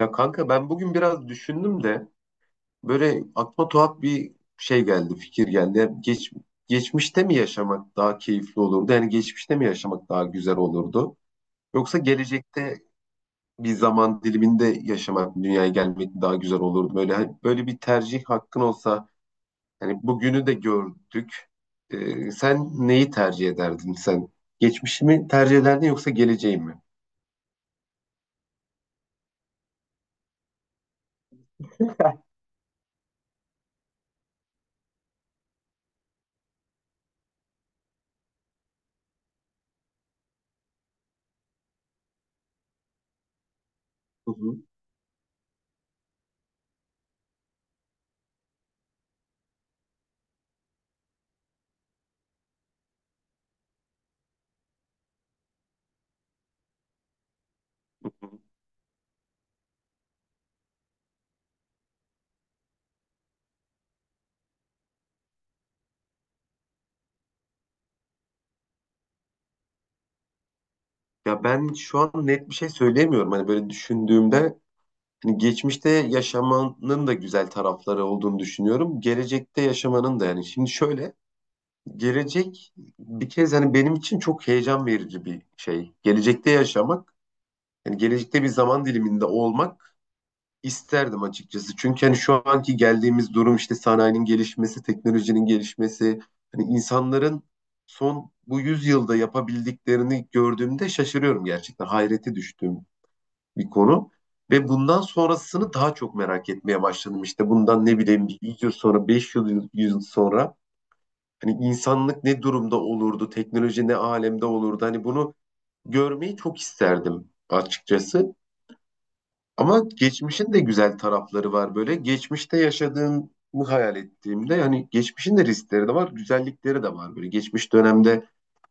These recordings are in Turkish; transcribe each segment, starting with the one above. Ya kanka ben bugün biraz düşündüm de böyle aklıma tuhaf bir şey geldi, fikir geldi. Geçmişte mi yaşamak daha keyifli olurdu? Yani geçmişte mi yaşamak daha güzel olurdu? Yoksa gelecekte bir zaman diliminde yaşamak, dünyaya gelmek daha güzel olurdu? Böyle hani böyle bir tercih hakkın olsa, hani bugünü de gördük. Sen neyi tercih ederdin sen? Geçmişi mi tercih ederdin yoksa geleceği mi? Hı hı. Ya ben şu an net bir şey söyleyemiyorum. Hani böyle düşündüğümde şimdi geçmişte yaşamanın da güzel tarafları olduğunu düşünüyorum. Gelecekte yaşamanın da yani. Şimdi şöyle, gelecek bir kez hani benim için çok heyecan verici bir şey. Gelecekte yaşamak, yani gelecekte bir zaman diliminde olmak isterdim açıkçası. Çünkü hani şu anki geldiğimiz durum işte sanayinin gelişmesi, teknolojinin gelişmesi, hani insanların son bu yüzyılda yapabildiklerini gördüğümde şaşırıyorum gerçekten. Hayrete düştüm bir konu. Ve bundan sonrasını daha çok merak etmeye başladım. İşte bundan ne bileyim bir 100 yıl sonra, 5 yıl, 100 yıl sonra hani insanlık ne durumda olurdu, teknoloji ne alemde olurdu. Hani bunu görmeyi çok isterdim açıkçası. Ama geçmişin de güzel tarafları var böyle. Geçmişte yaşadığımı hayal ettiğimde hani geçmişin de riskleri de var, güzellikleri de var böyle. Geçmiş dönemde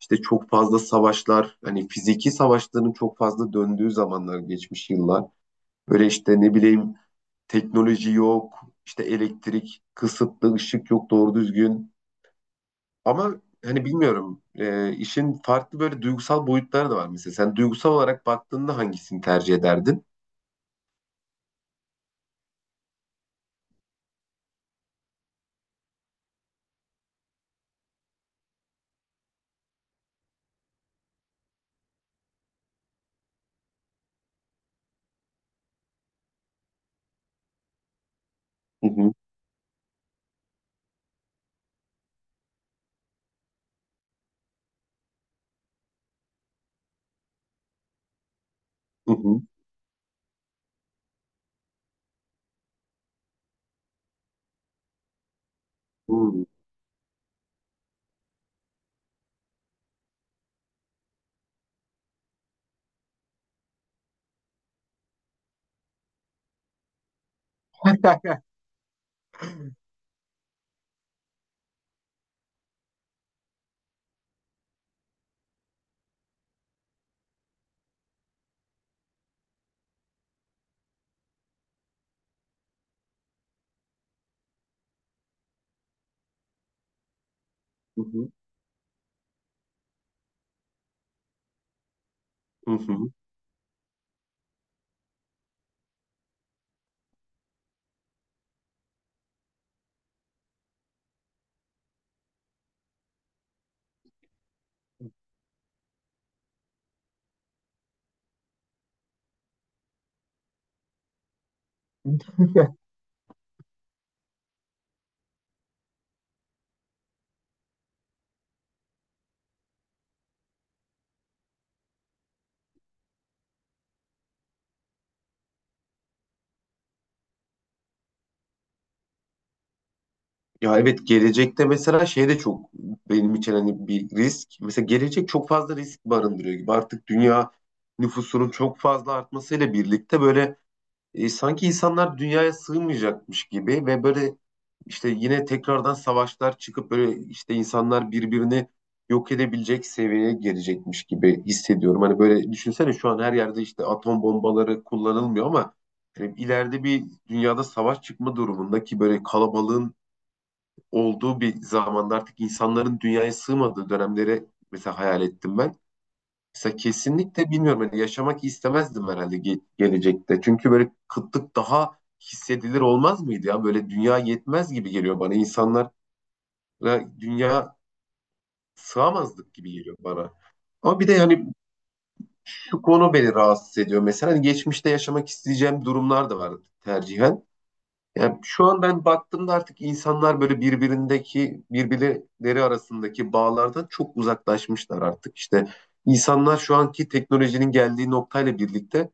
işte çok fazla savaşlar, hani fiziki savaşların çok fazla döndüğü zamanlar geçmiş yıllar. Böyle işte ne bileyim teknoloji yok, işte elektrik kısıtlı, ışık yok doğru düzgün. Ama hani bilmiyorum işin farklı böyle duygusal boyutları da var mesela. Sen duygusal olarak baktığında hangisini tercih ederdin? Hı hı, hı hı, hı hı, hı hı. Ya evet gelecekte mesela şey de çok benim için hani bir risk. Mesela gelecek çok fazla risk barındırıyor gibi. Artık dünya nüfusunun çok fazla artmasıyla birlikte böyle sanki insanlar dünyaya sığmayacakmış gibi ve böyle işte yine tekrardan savaşlar çıkıp böyle işte insanlar birbirini yok edebilecek seviyeye gelecekmiş gibi hissediyorum. Hani böyle düşünsene şu an her yerde işte atom bombaları kullanılmıyor ama hani ileride bir dünyada savaş çıkma durumunda ki böyle kalabalığın olduğu bir zamanda artık insanların dünyaya sığmadığı dönemleri mesela hayal ettim ben. Mesela kesinlikle bilmiyorum hani yaşamak istemezdim herhalde gelecekte. Çünkü böyle kıtlık daha hissedilir olmaz mıydı ya? Böyle dünya yetmez gibi geliyor bana. İnsanlara dünya sığamazdık gibi geliyor bana. Ama bir de yani şu konu beni rahatsız ediyor. Mesela hani geçmişte yaşamak isteyeceğim durumlar da var tercihen. Yani şu an ben baktığımda artık insanlar böyle birbirleri arasındaki bağlardan çok uzaklaşmışlar artık. İşte insanlar şu anki teknolojinin geldiği noktayla birlikte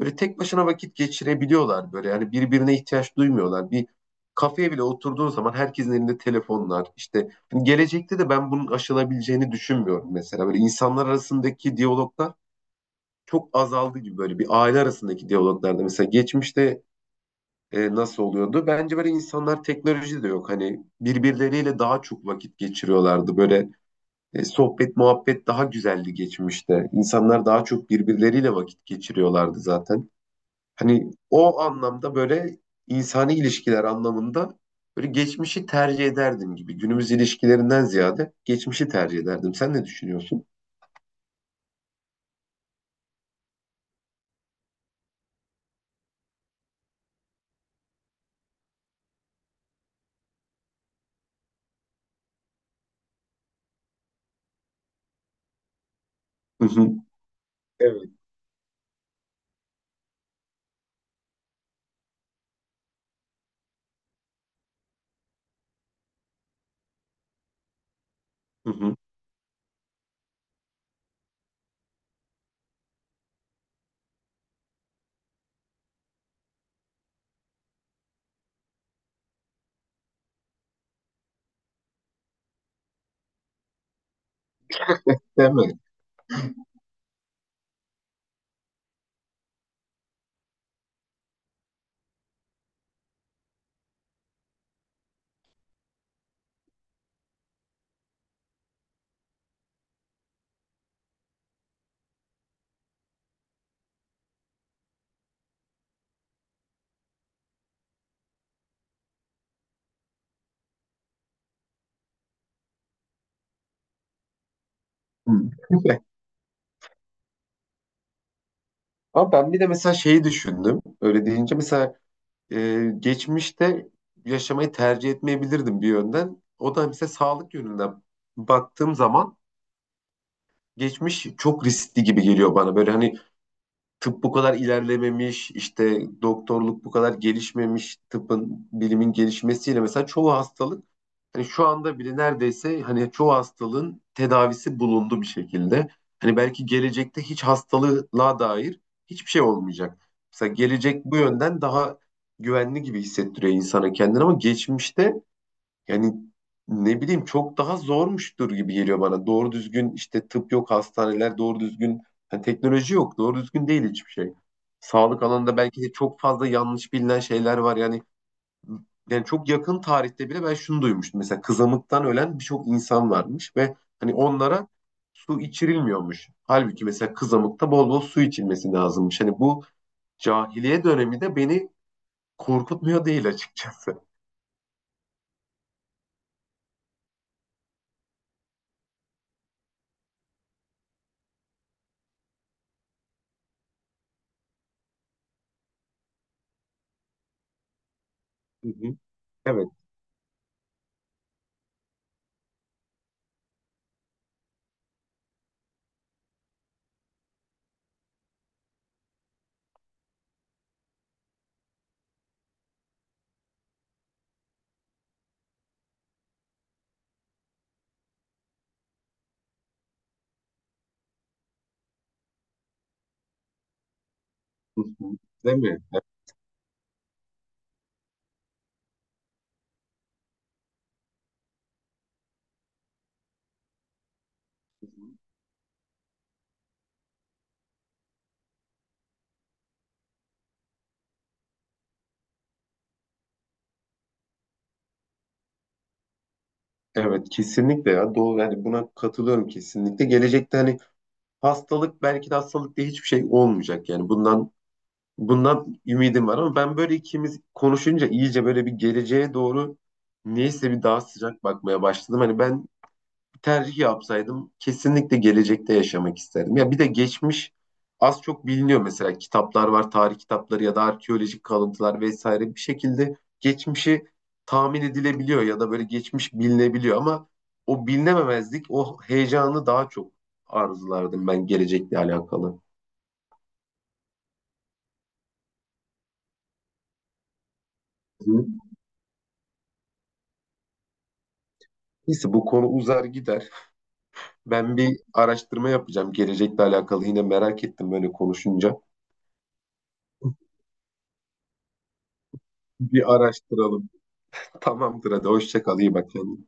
böyle tek başına vakit geçirebiliyorlar böyle. Yani birbirine ihtiyaç duymuyorlar. Bir kafeye bile oturduğun zaman herkesin elinde telefonlar. İşte hani gelecekte de ben bunun aşılabileceğini düşünmüyorum mesela. Böyle insanlar arasındaki diyaloglar çok azaldı gibi böyle bir aile arasındaki diyaloglarda mesela geçmişte nasıl oluyordu? Bence böyle insanlar teknoloji de yok. Hani birbirleriyle daha çok vakit geçiriyorlardı. Böyle sohbet muhabbet daha güzeldi geçmişte. İnsanlar daha çok birbirleriyle vakit geçiriyorlardı zaten. Hani o anlamda böyle insani ilişkiler anlamında böyle geçmişi tercih ederdim gibi. Günümüz ilişkilerinden ziyade geçmişi tercih ederdim. Sen ne düşünüyorsun? Hı hı. Evet. Hı hı. Değil mi? Hı. Ama ben bir de mesela şeyi düşündüm. Öyle deyince mesela geçmişte yaşamayı tercih etmeyebilirdim bir yönden. O da mesela sağlık yönünden baktığım zaman geçmiş çok riskli gibi geliyor bana. Böyle hani tıp bu kadar ilerlememiş, işte doktorluk bu kadar gelişmemiş, tıpın, bilimin gelişmesiyle mesela çoğu hastalık hani şu anda bile neredeyse hani çoğu hastalığın tedavisi bulundu bir şekilde. Hani belki gelecekte hiç hastalığa dair hiçbir şey olmayacak. Mesela gelecek bu yönden daha güvenli gibi hissettiriyor insana kendini ama geçmişte yani ne bileyim çok daha zormuştur gibi geliyor bana. Doğru düzgün işte tıp yok, hastaneler doğru düzgün, yani teknoloji yok, doğru düzgün değil hiçbir şey. Sağlık alanında belki de çok fazla yanlış bilinen şeyler var. Yani çok yakın tarihte bile ben şunu duymuştum. Mesela kızamıktan ölen birçok insan varmış ve hani onlara su içirilmiyormuş. Halbuki mesela kızamıkta bol bol su içilmesi lazımmış. Hani bu cahiliye dönemi de beni korkutmuyor değil açıkçası. Hı hı. Evet. Hı hı. Değil mi? Evet kesinlikle ya doğru yani buna katılıyorum kesinlikle. Gelecekte hani hastalık belki de hastalık diye hiçbir şey olmayacak yani bundan ümidim var ama ben böyle ikimiz konuşunca iyice böyle bir geleceğe doğru neyse bir daha sıcak bakmaya başladım. Hani ben tercih yapsaydım kesinlikle gelecekte yaşamak isterdim. Ya bir de geçmiş az çok biliniyor mesela kitaplar var, tarih kitapları ya da arkeolojik kalıntılar vesaire bir şekilde geçmişi tahmin edilebiliyor ya da böyle geçmiş bilinebiliyor ama o bilinememezlik, o heyecanı daha çok arzulardım ben gelecekle alakalı. Hı. Neyse bu konu uzar gider. Ben bir araştırma yapacağım gelecekle alakalı. Yine merak ettim böyle konuşunca. Bir araştıralım. Tamamdır hadi hoşça kal iyi bak kendine.